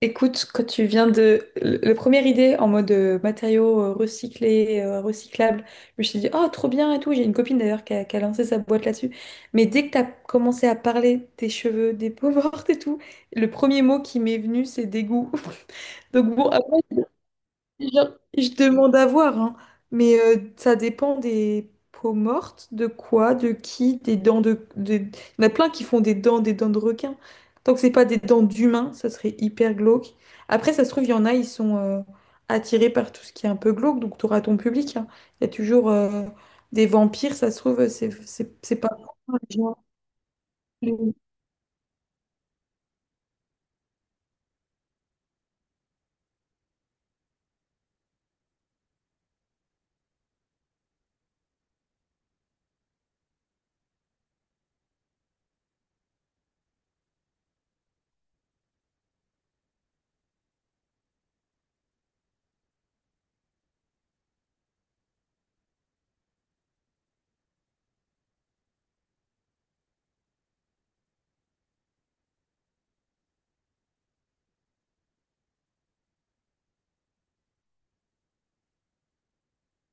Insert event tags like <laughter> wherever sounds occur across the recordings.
Écoute, quand tu viens de... La première idée en mode matériaux recyclés, recyclables, je me suis dit, oh, trop bien et tout. J'ai une copine d'ailleurs qui a lancé sa boîte là-dessus. Mais dès que tu as commencé à parler des cheveux, des peaux <laughs> mortes et tout, le premier mot qui m'est venu, c'est dégoût. <laughs> Donc bon, après, genre, je demande à voir, hein. Mais ça dépend des peaux mortes, de quoi, de qui, des dents de, des- Il y en a plein qui font des dents de requin. Tant que c'est pas des dents d'humain, ça serait hyper glauque. Après, ça se trouve, il y en a, ils sont attirés par tout ce qui est un peu glauque, donc tu auras ton public, hein. Il y a toujours des vampires, ça se trouve, c'est pas... les gens- les-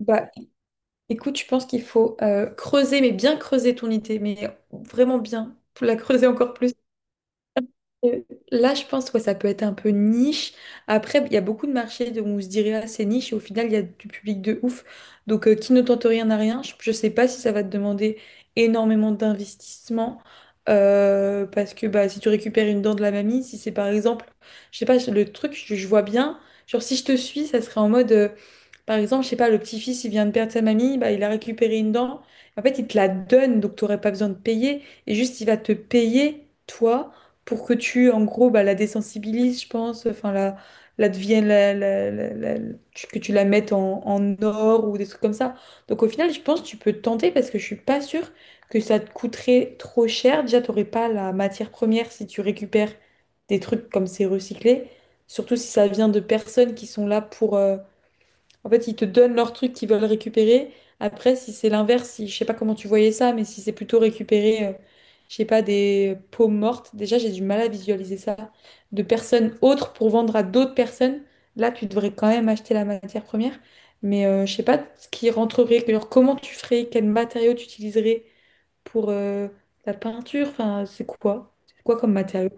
Bah, écoute, je pense qu'il faut creuser, mais bien creuser ton idée, mais vraiment bien, pour la creuser encore plus. Euh, Là, je pense que ça peut être un peu niche. Après, il y a beaucoup de marchés où on se dirait ah, c'est niche et au final, il y a du public de ouf. Donc, qui ne tente rien n'a rien. Je ne sais pas si ça va te demander énormément d'investissement, parce que bah, si tu récupères une dent de la mamie, si c'est par exemple, je sais pas, le truc, je vois bien, genre si je te suis, ça serait en mode. Par exemple, je sais pas, le petit-fils, il vient de perdre sa mamie, bah, il a récupéré une dent. En fait, il te la donne, donc tu n'aurais pas besoin de payer. Et juste, il va te payer, toi, pour que tu, en gros, bah, la désensibilises, je pense, enfin, la devienne, que tu la mettes en, en or ou des trucs comme ça. Donc, au final, je pense que tu peux te tenter parce que je suis pas sûre que ça te coûterait trop cher. Déjà, tu n'aurais pas la matière première si tu récupères des trucs comme c'est recyclé. Surtout si ça vient de personnes qui sont là pour... en fait, ils te donnent leur truc qu'ils veulent récupérer. Après, si c'est l'inverse, si, je sais pas comment tu voyais ça, mais si c'est plutôt récupérer, je sais pas, des peaux mortes, déjà j'ai du mal à visualiser ça, de personnes autres pour vendre à d'autres personnes, là tu devrais quand même acheter la matière première. Mais je sais pas ce qui rentrerait, genre, comment tu ferais, quels matériaux tu utiliserais pour la peinture, enfin c'est quoi? C'est quoi comme matériau?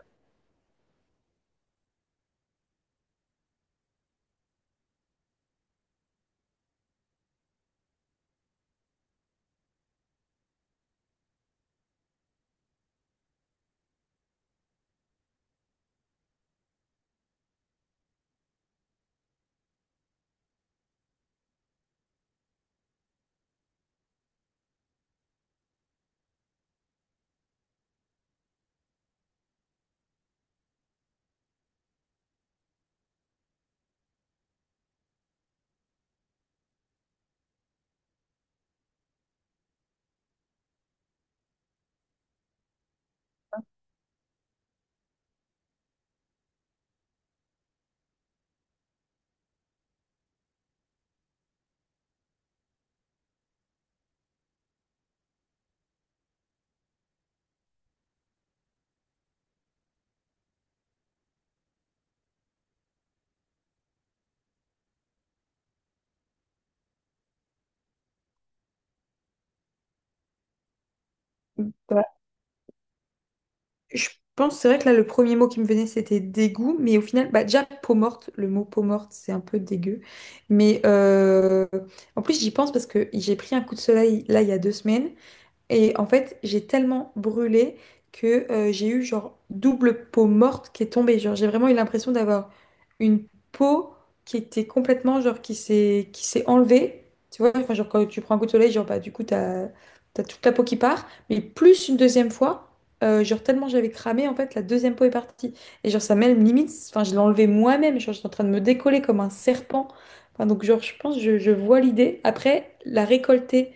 Je pense, c'est vrai que là, le premier mot qui me venait, c'était dégoût, mais au final, bah, déjà, peau morte, le mot peau morte, c'est un peu dégueu. Mais en plus, j'y pense parce que j'ai pris un coup de soleil là, il y a 2 semaines, et en fait, j'ai tellement brûlé que j'ai eu genre double peau morte qui est tombée. Genre, j'ai vraiment eu l'impression d'avoir une peau qui était complètement genre qui s'est enlevée. Tu vois, enfin, genre quand tu prends un coup de soleil, genre bah du coup t'as toute la peau qui part, mais plus une deuxième fois. Genre tellement j'avais cramé en fait la deuxième peau est partie et genre ça même limite enfin je l'ai enlevée moi-même genre j'étais en train de me décoller comme un serpent. Enfin, donc genre je pense je vois l'idée après la récolter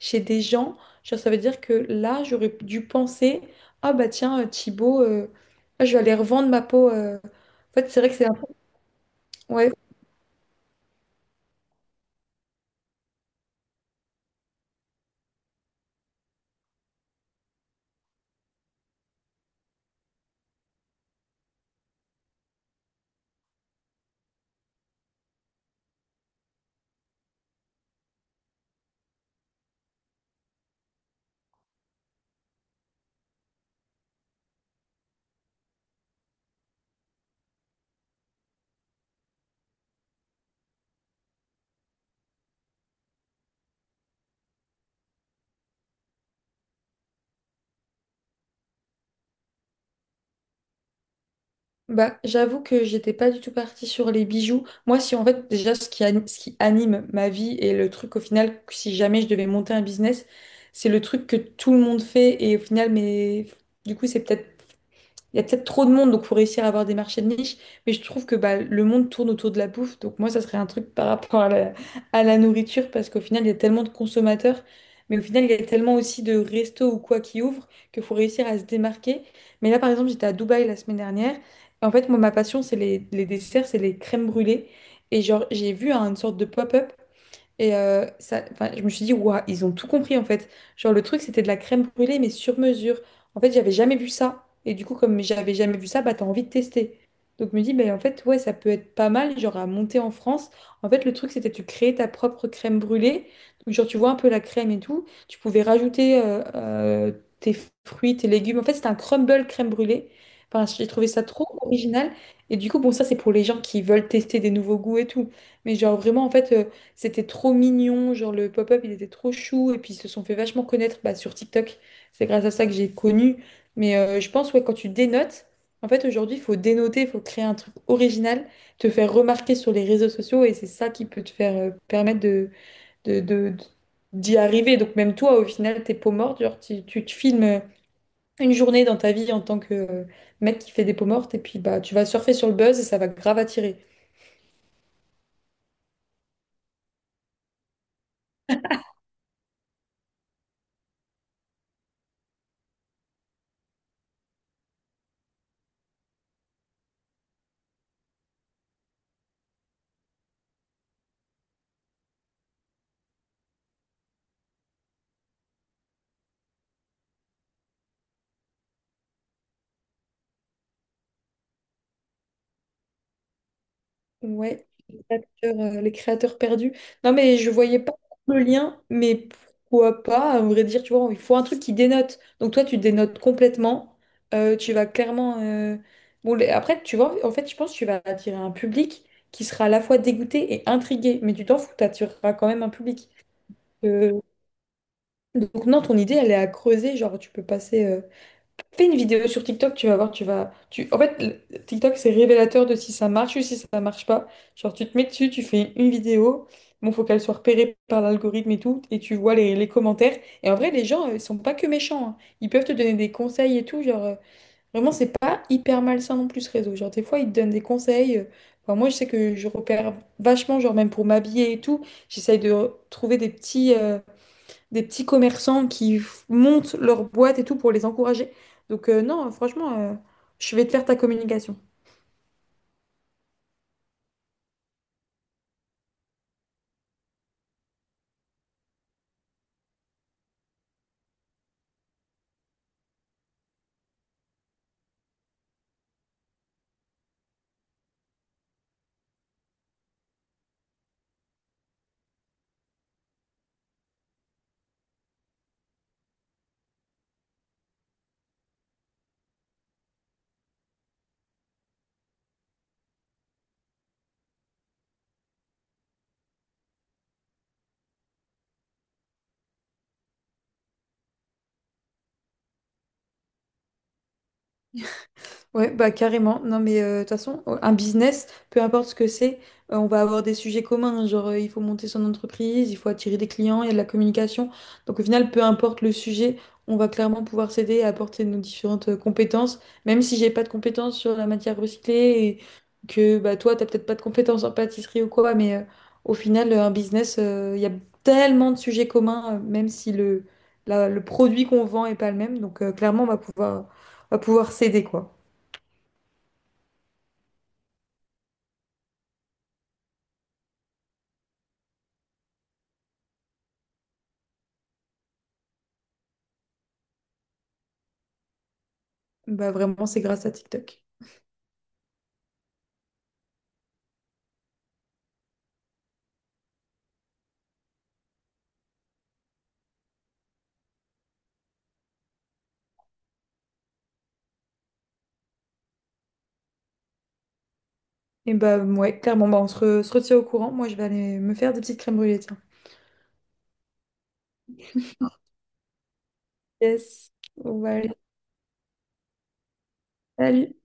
chez des gens. Genre, ça veut dire que là, j'aurais dû penser, ah bah tiens, Thibaut, ah, je vais aller revendre ma peau. En fait, c'est vrai que c'est Ouais, bah j'avoue que j'étais pas du tout partie sur les bijoux. Moi, si en fait, déjà, ce qui anime ma vie et le truc au final, que si jamais je devais monter un business, c'est le truc que tout le monde fait et au final, mais du coup, c'est peut-être il y a peut-être trop de monde, donc faut réussir à avoir des marchés de niche. Mais je trouve que bah, le monde tourne autour de la bouffe. Donc moi, ça serait un truc par rapport à la nourriture, parce qu'au final, il y a tellement de consommateurs, mais au final, il y a tellement aussi de restos ou quoi qui ouvrent qu'il faut réussir à se démarquer. Mais là, par exemple, j'étais à Dubaï la semaine dernière. Et en fait, moi, ma passion, c'est les desserts, c'est les crèmes brûlées. Et genre, j'ai vu hein, une sorte de pop-up. Et ça, enfin, je me suis dit, waouh, ils ont tout compris en fait. Genre, le truc, c'était de la crème brûlée, mais sur mesure. En fait, j'avais jamais vu ça. Et du coup, comme j'avais jamais vu ça, bah, t'as envie de tester. Donc, je me dis, bah, en fait, ouais, ça peut être pas mal, genre, à monter en France. En fait, le truc, c'était tu créais ta propre crème brûlée. Donc, genre, tu vois un peu la crème et tout. Tu pouvais rajouter tes fruits, tes légumes. En fait, c'était un crumble crème brûlée. Enfin, j'ai trouvé ça trop original. Et du coup, bon, ça, c'est pour les gens qui veulent tester des nouveaux goûts et tout. Mais genre, vraiment, en fait. C'était trop mignon, genre le pop-up, il était trop chou. Et puis ils se sont fait vachement connaître bah, sur TikTok. C'est grâce à ça que j'ai connu. Mais je pense, ouais, quand tu dénotes, en fait, aujourd'hui, il faut dénoter, il faut créer un truc original, te faire remarquer sur les réseaux sociaux. Et c'est ça qui peut te faire permettre de, de, de- de- d'y arriver. Donc même toi, au final, tes peaux mortes, genre tu te filmes une journée dans ta vie en tant que mec qui fait des peaux mortes. Et puis bah, tu vas surfer sur le buzz et ça va grave attirer. Ouais, les créateurs perdus. Non, mais je voyais pas le lien, mais pourquoi pas, à vrai dire, tu vois, il faut un truc qui dénote. Donc toi, tu dénotes complètement. Tu vas clairement. Bon, après, tu vois, en fait, je pense que tu vas attirer un public qui sera à la fois dégoûté et intrigué, mais tu t'en fous, tu attireras quand même un public. Euh, Donc non, ton idée, elle est à creuser, genre tu peux passer. Fais une vidéo sur TikTok, tu vas voir, tu vas. Tu... En fait, TikTok, c'est révélateur de si ça marche ou si ça marche pas. Genre, tu te mets dessus, tu fais une vidéo. Bon, faut qu'elle soit repérée par l'algorithme et tout, et tu vois les commentaires. Et en vrai, les gens, ils sont pas que méchants, hein. Ils peuvent te donner des conseils et tout. Genre, vraiment, c'est pas hyper malsain non plus ce réseau. Genre, des fois, ils te donnent des conseils. Enfin, moi, je sais que je repère vachement, genre, même pour m'habiller et tout, trouver des petits. Des petits commerçants montent leur boîte et tout pour les encourager. Donc non, franchement, je vais te faire ta communication. Ouais, bah carrément. Non, mais de toute façon, un business, peu importe ce que c'est, on va avoir des sujets communs, hein. Genre, il faut monter son entreprise, il faut attirer des clients, il y a de la communication. Donc, au final, peu importe le sujet, on va clairement pouvoir s'aider et apporter nos différentes compétences. Même si j'ai pas de compétences sur la matière recyclée et que bah, toi, t'as peut-être pas de compétences en pâtisserie ou quoi, mais au final, un business, il y a tellement de sujets communs, même si le produit qu'on vend est pas le même. Donc, clairement, on va pouvoir s'aider, quoi. Bah vraiment, c'est grâce à TikTok. Et bah ouais, clairement, bah se retient au courant. Moi, je vais aller me faire des petites crèmes brûlées, tiens. Yes. On va aller. Salut.